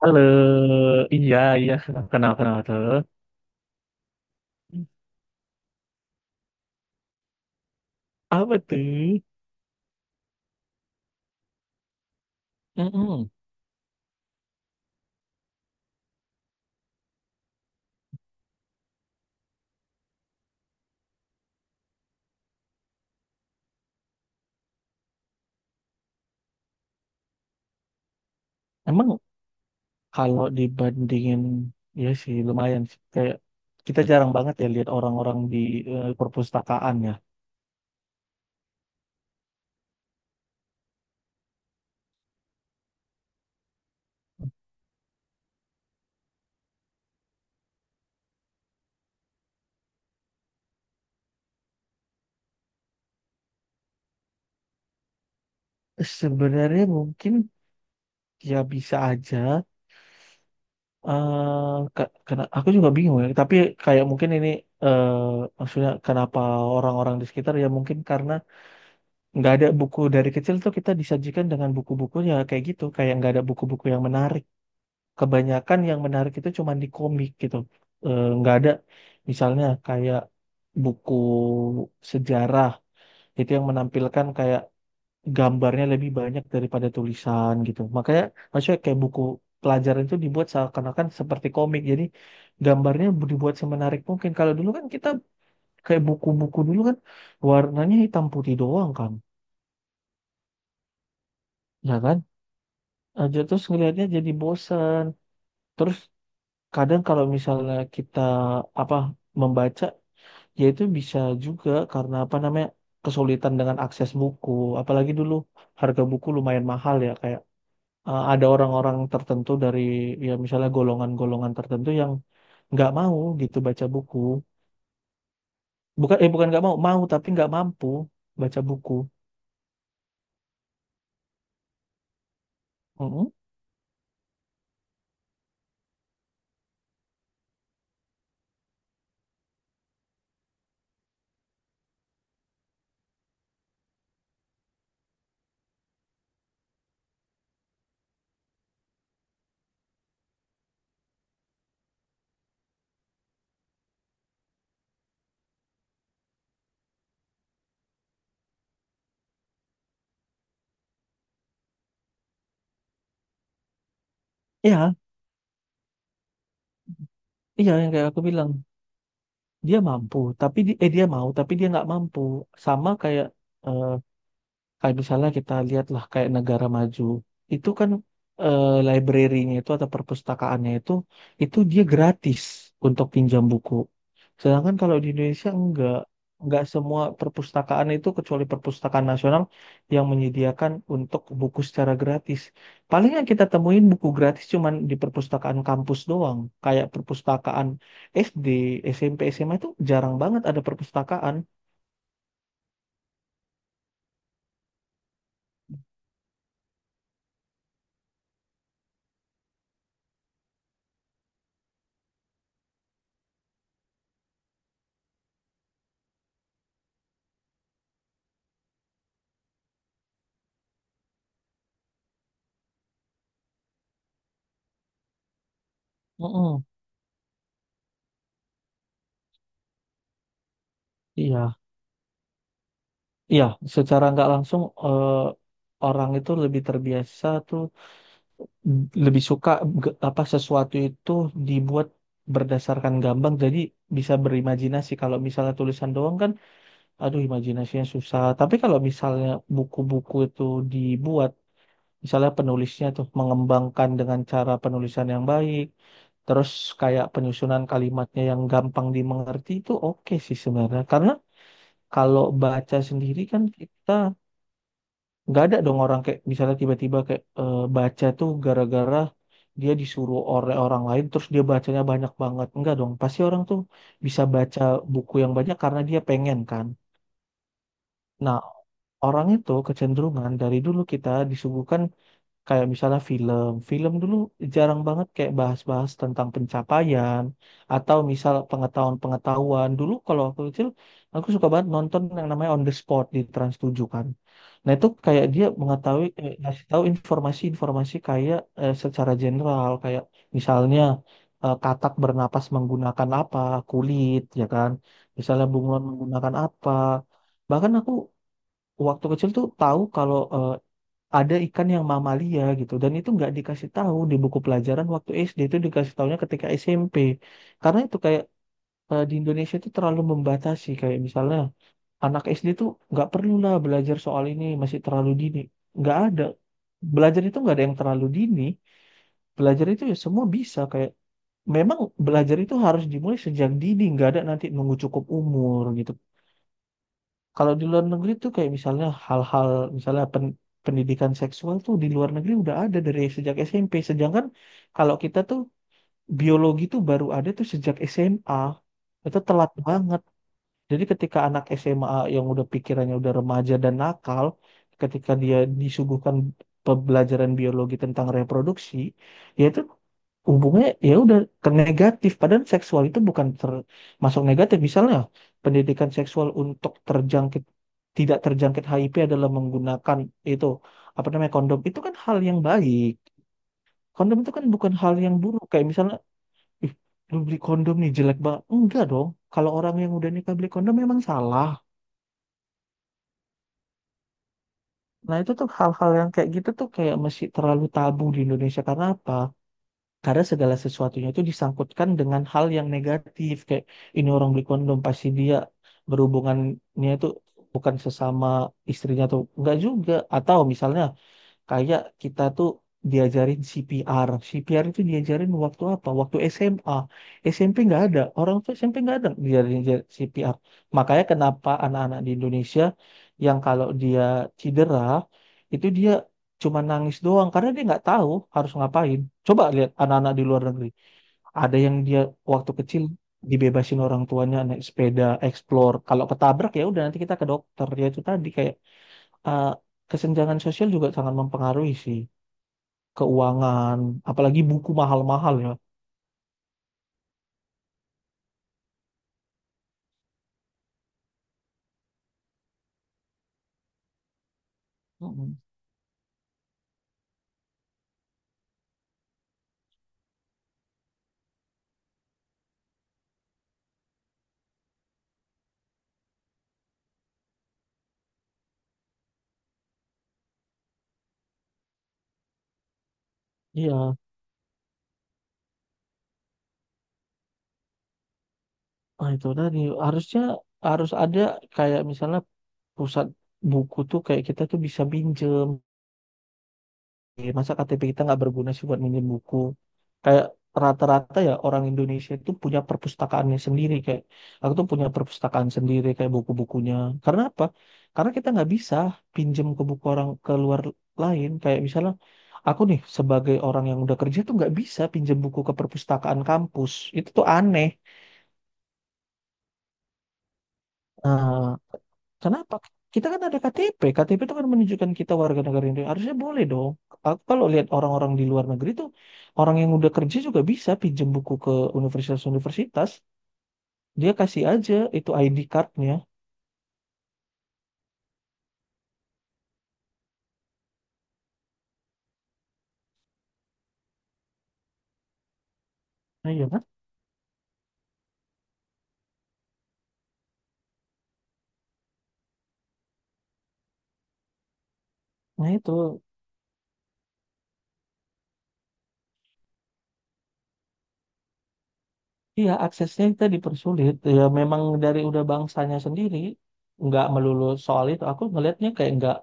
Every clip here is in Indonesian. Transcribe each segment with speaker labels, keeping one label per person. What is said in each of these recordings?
Speaker 1: Halo, iya iya kenal kenal tuh. Apa tuh? Mm-mm. Emang kalau dibandingin, ya sih lumayan sih. Kayak kita jarang banget ya lihat orang-orang di perpustakaan ya. Sebenarnya mungkin ya bisa aja. Kena, aku juga bingung ya. Tapi kayak mungkin ini eh maksudnya kenapa orang-orang di sekitar ya mungkin karena nggak ada buku, dari kecil tuh kita disajikan dengan buku-buku ya kayak gitu. Kayak nggak ada buku-buku yang menarik, kebanyakan yang menarik itu cuma di komik gitu. Nggak ada misalnya kayak buku sejarah itu yang menampilkan kayak gambarnya lebih banyak daripada tulisan gitu. Makanya maksudnya kayak buku pelajaran itu dibuat seakan-akan seperti komik. Jadi gambarnya dibuat semenarik mungkin. Kalau dulu kan kita kayak buku-buku dulu kan warnanya hitam putih doang kan, ya kan? Aja terus ngelihatnya jadi bosan. Terus kadang kalau misalnya kita apa membaca, ya itu bisa juga karena apa namanya kesulitan dengan akses buku. Apalagi dulu harga buku lumayan mahal ya, kayak ada orang-orang tertentu dari ya misalnya golongan-golongan tertentu yang nggak mau gitu baca buku. Bukan nggak mau mau, tapi nggak mampu baca buku. Mm-mm. Iya iya yang kayak aku bilang dia mampu tapi dia mau tapi dia nggak mampu, sama kayak eh, kayak misalnya kita lihatlah kayak negara maju itu kan library-nya itu atau perpustakaannya itu dia gratis untuk pinjam buku. Sedangkan kalau di Indonesia enggak semua perpustakaan itu kecuali perpustakaan nasional yang menyediakan untuk buku secara gratis. Paling yang kita temuin buku gratis cuman di perpustakaan kampus doang. Kayak perpustakaan SD, SMP, SMA itu jarang banget ada perpustakaan. Mm-mm. Iya. Iya, secara nggak langsung orang itu lebih terbiasa tuh lebih suka apa sesuatu itu dibuat berdasarkan gambar jadi bisa berimajinasi. Kalau misalnya tulisan doang kan, aduh imajinasinya susah. Tapi kalau misalnya buku-buku itu dibuat, misalnya penulisnya tuh mengembangkan dengan cara penulisan yang baik, terus kayak penyusunan kalimatnya yang gampang dimengerti itu oke sih sebenarnya. Karena kalau baca sendiri kan kita nggak ada dong orang kayak misalnya tiba-tiba kayak baca tuh gara-gara dia disuruh oleh orang lain terus dia bacanya banyak banget, enggak dong, pasti orang tuh bisa baca buku yang banyak karena dia pengen kan. Nah, orang itu kecenderungan dari dulu kita disuguhkan kayak misalnya film, film dulu jarang banget kayak bahas-bahas tentang pencapaian atau misal pengetahuan-pengetahuan. Dulu kalau aku kecil, aku suka banget nonton yang namanya On the Spot di Trans 7 kan. Nah itu kayak dia mengetahui, ngasih tahu informasi-informasi kayak secara general, kayak misalnya katak bernapas menggunakan apa, kulit, ya kan. Misalnya bunglon menggunakan apa. Bahkan aku waktu kecil tuh tahu kalau ada ikan yang mamalia gitu, dan itu nggak dikasih tahu di buku pelajaran waktu SD, itu dikasih tahunya ketika SMP karena itu kayak di Indonesia itu terlalu membatasi kayak misalnya anak SD itu nggak perlu lah belajar soal ini masih terlalu dini, nggak ada, belajar itu nggak ada yang terlalu dini, belajar itu ya semua bisa kayak memang belajar itu harus dimulai sejak dini, nggak ada nanti nunggu cukup umur gitu. Kalau di luar negeri tuh kayak misalnya hal-hal misalnya pendidikan seksual tuh di luar negeri udah ada dari sejak SMP. Sedangkan kalau kita tuh biologi tuh baru ada tuh sejak SMA. Itu telat banget. Jadi ketika anak SMA yang udah pikirannya udah remaja dan nakal, ketika dia disuguhkan pembelajaran biologi tentang reproduksi, ya itu hubungannya ya udah ke negatif. Padahal seksual itu bukan termasuk negatif. Misalnya pendidikan seksual untuk terjangkit, tidak terjangkit HIV adalah menggunakan itu apa namanya kondom. Itu kan hal yang baik. Kondom itu kan bukan hal yang buruk. Kayak misalnya, ih, lu beli kondom nih jelek banget. Enggak dong. Kalau orang yang udah nikah beli kondom memang salah. Nah, itu tuh hal-hal yang kayak gitu tuh kayak masih terlalu tabu di Indonesia. Karena apa? Karena segala sesuatunya itu disangkutkan dengan hal yang negatif. Kayak ini orang beli kondom, pasti dia berhubungannya itu bukan sesama istrinya atau enggak juga. Atau misalnya kayak kita tuh diajarin CPR. CPR itu diajarin waktu apa? Waktu SMA. SMP nggak ada. Orang tuh SMP nggak ada diajarin diajarin CPR. Makanya kenapa anak-anak di Indonesia yang kalau dia cedera, itu dia cuma nangis doang. Karena dia nggak tahu harus ngapain. Coba lihat anak-anak di luar negeri. Ada yang dia waktu kecil dibebasin orang tuanya naik sepeda, explore. Kalau ketabrak ya udah nanti kita ke dokter. Ya itu tadi kayak eh, kesenjangan sosial juga sangat mempengaruhi sih, keuangan, apalagi buku mahal-mahal ya. Mm-mm. Iya, nah itu tadi harusnya harus ada kayak misalnya pusat buku tuh kayak kita tuh bisa pinjem. Iya, masa KTP kita nggak berguna sih buat minjem buku? Kayak rata-rata ya orang Indonesia itu punya perpustakaannya sendiri. Kayak aku tuh punya perpustakaan sendiri kayak buku-bukunya. Karena apa? Karena kita nggak bisa pinjem ke buku orang ke luar lain. Kayak misalnya aku nih sebagai orang yang udah kerja tuh nggak bisa pinjem buku ke perpustakaan kampus. Itu tuh aneh. Nah, kenapa? Kita kan ada KTP. KTP itu kan menunjukkan kita warga negara Indonesia. Harusnya boleh dong. Aku kalau lihat orang-orang di luar negeri tuh, orang yang udah kerja juga bisa pinjem buku ke universitas-universitas. Dia kasih aja itu ID cardnya. Nah, iya kan? Nah itu, iya aksesnya kita dipersulit. Ya memang dari udah bangsanya sendiri, nggak melulu soal itu. Aku ngelihatnya kayak nggak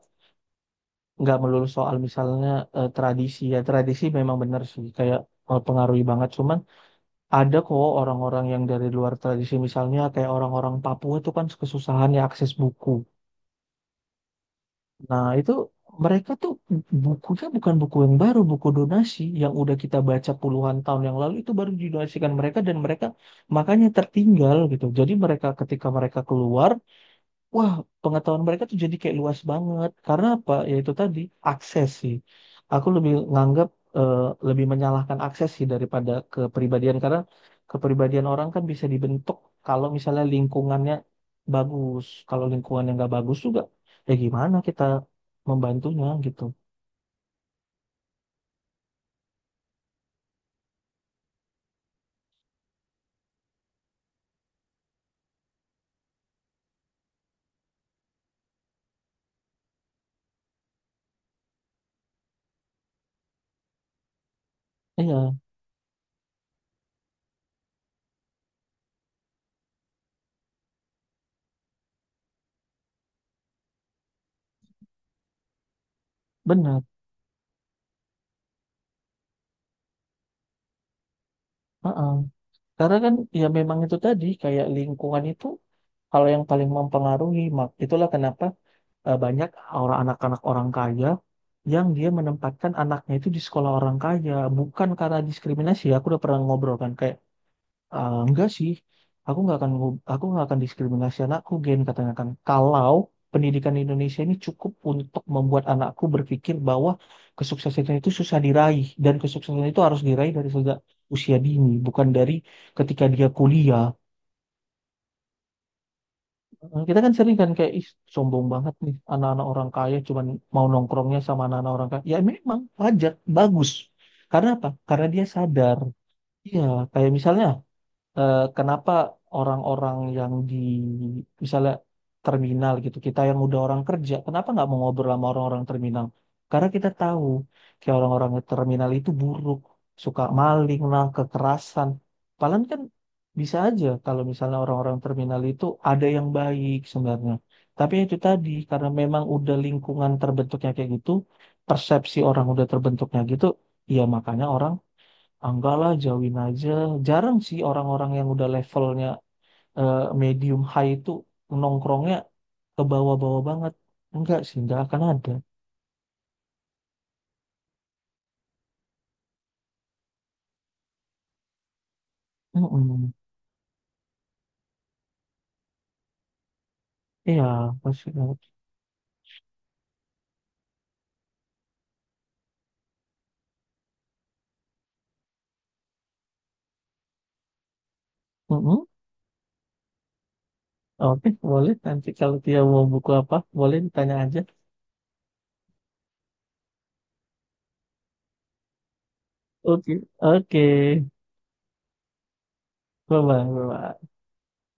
Speaker 1: nggak melulu soal misalnya tradisi, ya tradisi memang benar sih kayak pengaruhi banget. Cuma ada kok orang-orang yang dari luar tradisi misalnya kayak orang-orang Papua itu kan kesusahan ya akses buku. Nah itu mereka tuh bukunya bukan buku yang baru, buku donasi yang udah kita baca puluhan tahun yang lalu itu baru didonasikan mereka, dan mereka makanya tertinggal gitu. Jadi mereka ketika mereka keluar, wah, pengetahuan mereka tuh jadi kayak luas banget. Karena apa? Ya itu tadi akses sih. Aku lebih nganggap eh, lebih menyalahkan akses sih daripada kepribadian karena kepribadian orang kan bisa dibentuk kalau misalnya lingkungannya bagus. Kalau lingkungannya nggak bagus juga, ya gimana kita membantunya gitu. Iya, benar. Heeh. Karena kan ya memang itu tadi kayak lingkungan itu kalau yang paling mempengaruhi, mak itulah kenapa banyak orang anak-anak orang kaya yang dia menempatkan anaknya itu di sekolah orang kaya, bukan karena diskriminasi, aku udah pernah ngobrol kan kayak "Ah, enggak sih, aku nggak akan aku nggak akan diskriminasi anakku Gen," katanya kan, kalau pendidikan di Indonesia ini cukup untuk membuat anakku berpikir bahwa kesuksesan itu susah diraih, dan kesuksesan itu harus diraih dari sejak usia dini bukan dari ketika dia kuliah. Kita kan sering kan kayak, ih, sombong banget nih anak-anak orang kaya cuman mau nongkrongnya sama anak-anak orang kaya. Ya memang wajar, bagus. Karena apa? Karena dia sadar. Iya, kayak misalnya kenapa orang-orang yang di misalnya terminal gitu, kita yang udah orang kerja, kenapa nggak mau ngobrol sama orang-orang terminal? Karena kita tahu kayak orang-orang di terminal itu buruk, suka maling lah, kekerasan. Padahal kan bisa aja kalau misalnya orang-orang terminal itu ada yang baik sebenarnya. Tapi itu tadi karena memang udah lingkungan terbentuknya kayak gitu, persepsi orang udah terbentuknya gitu, ya makanya orang, ah, enggak lah, jauhin aja. Jarang sih orang-orang yang udah levelnya eh, medium high itu nongkrongnya ke bawah-bawah banget. Enggak sih, enggak akan ada. Mm-mm. Iya, pasti. Enggak. Mm-mm. Oke, boleh. Nanti kalau dia mau buku apa, boleh ditanya aja. Oke. Oke, bye-bye. Bye-bye.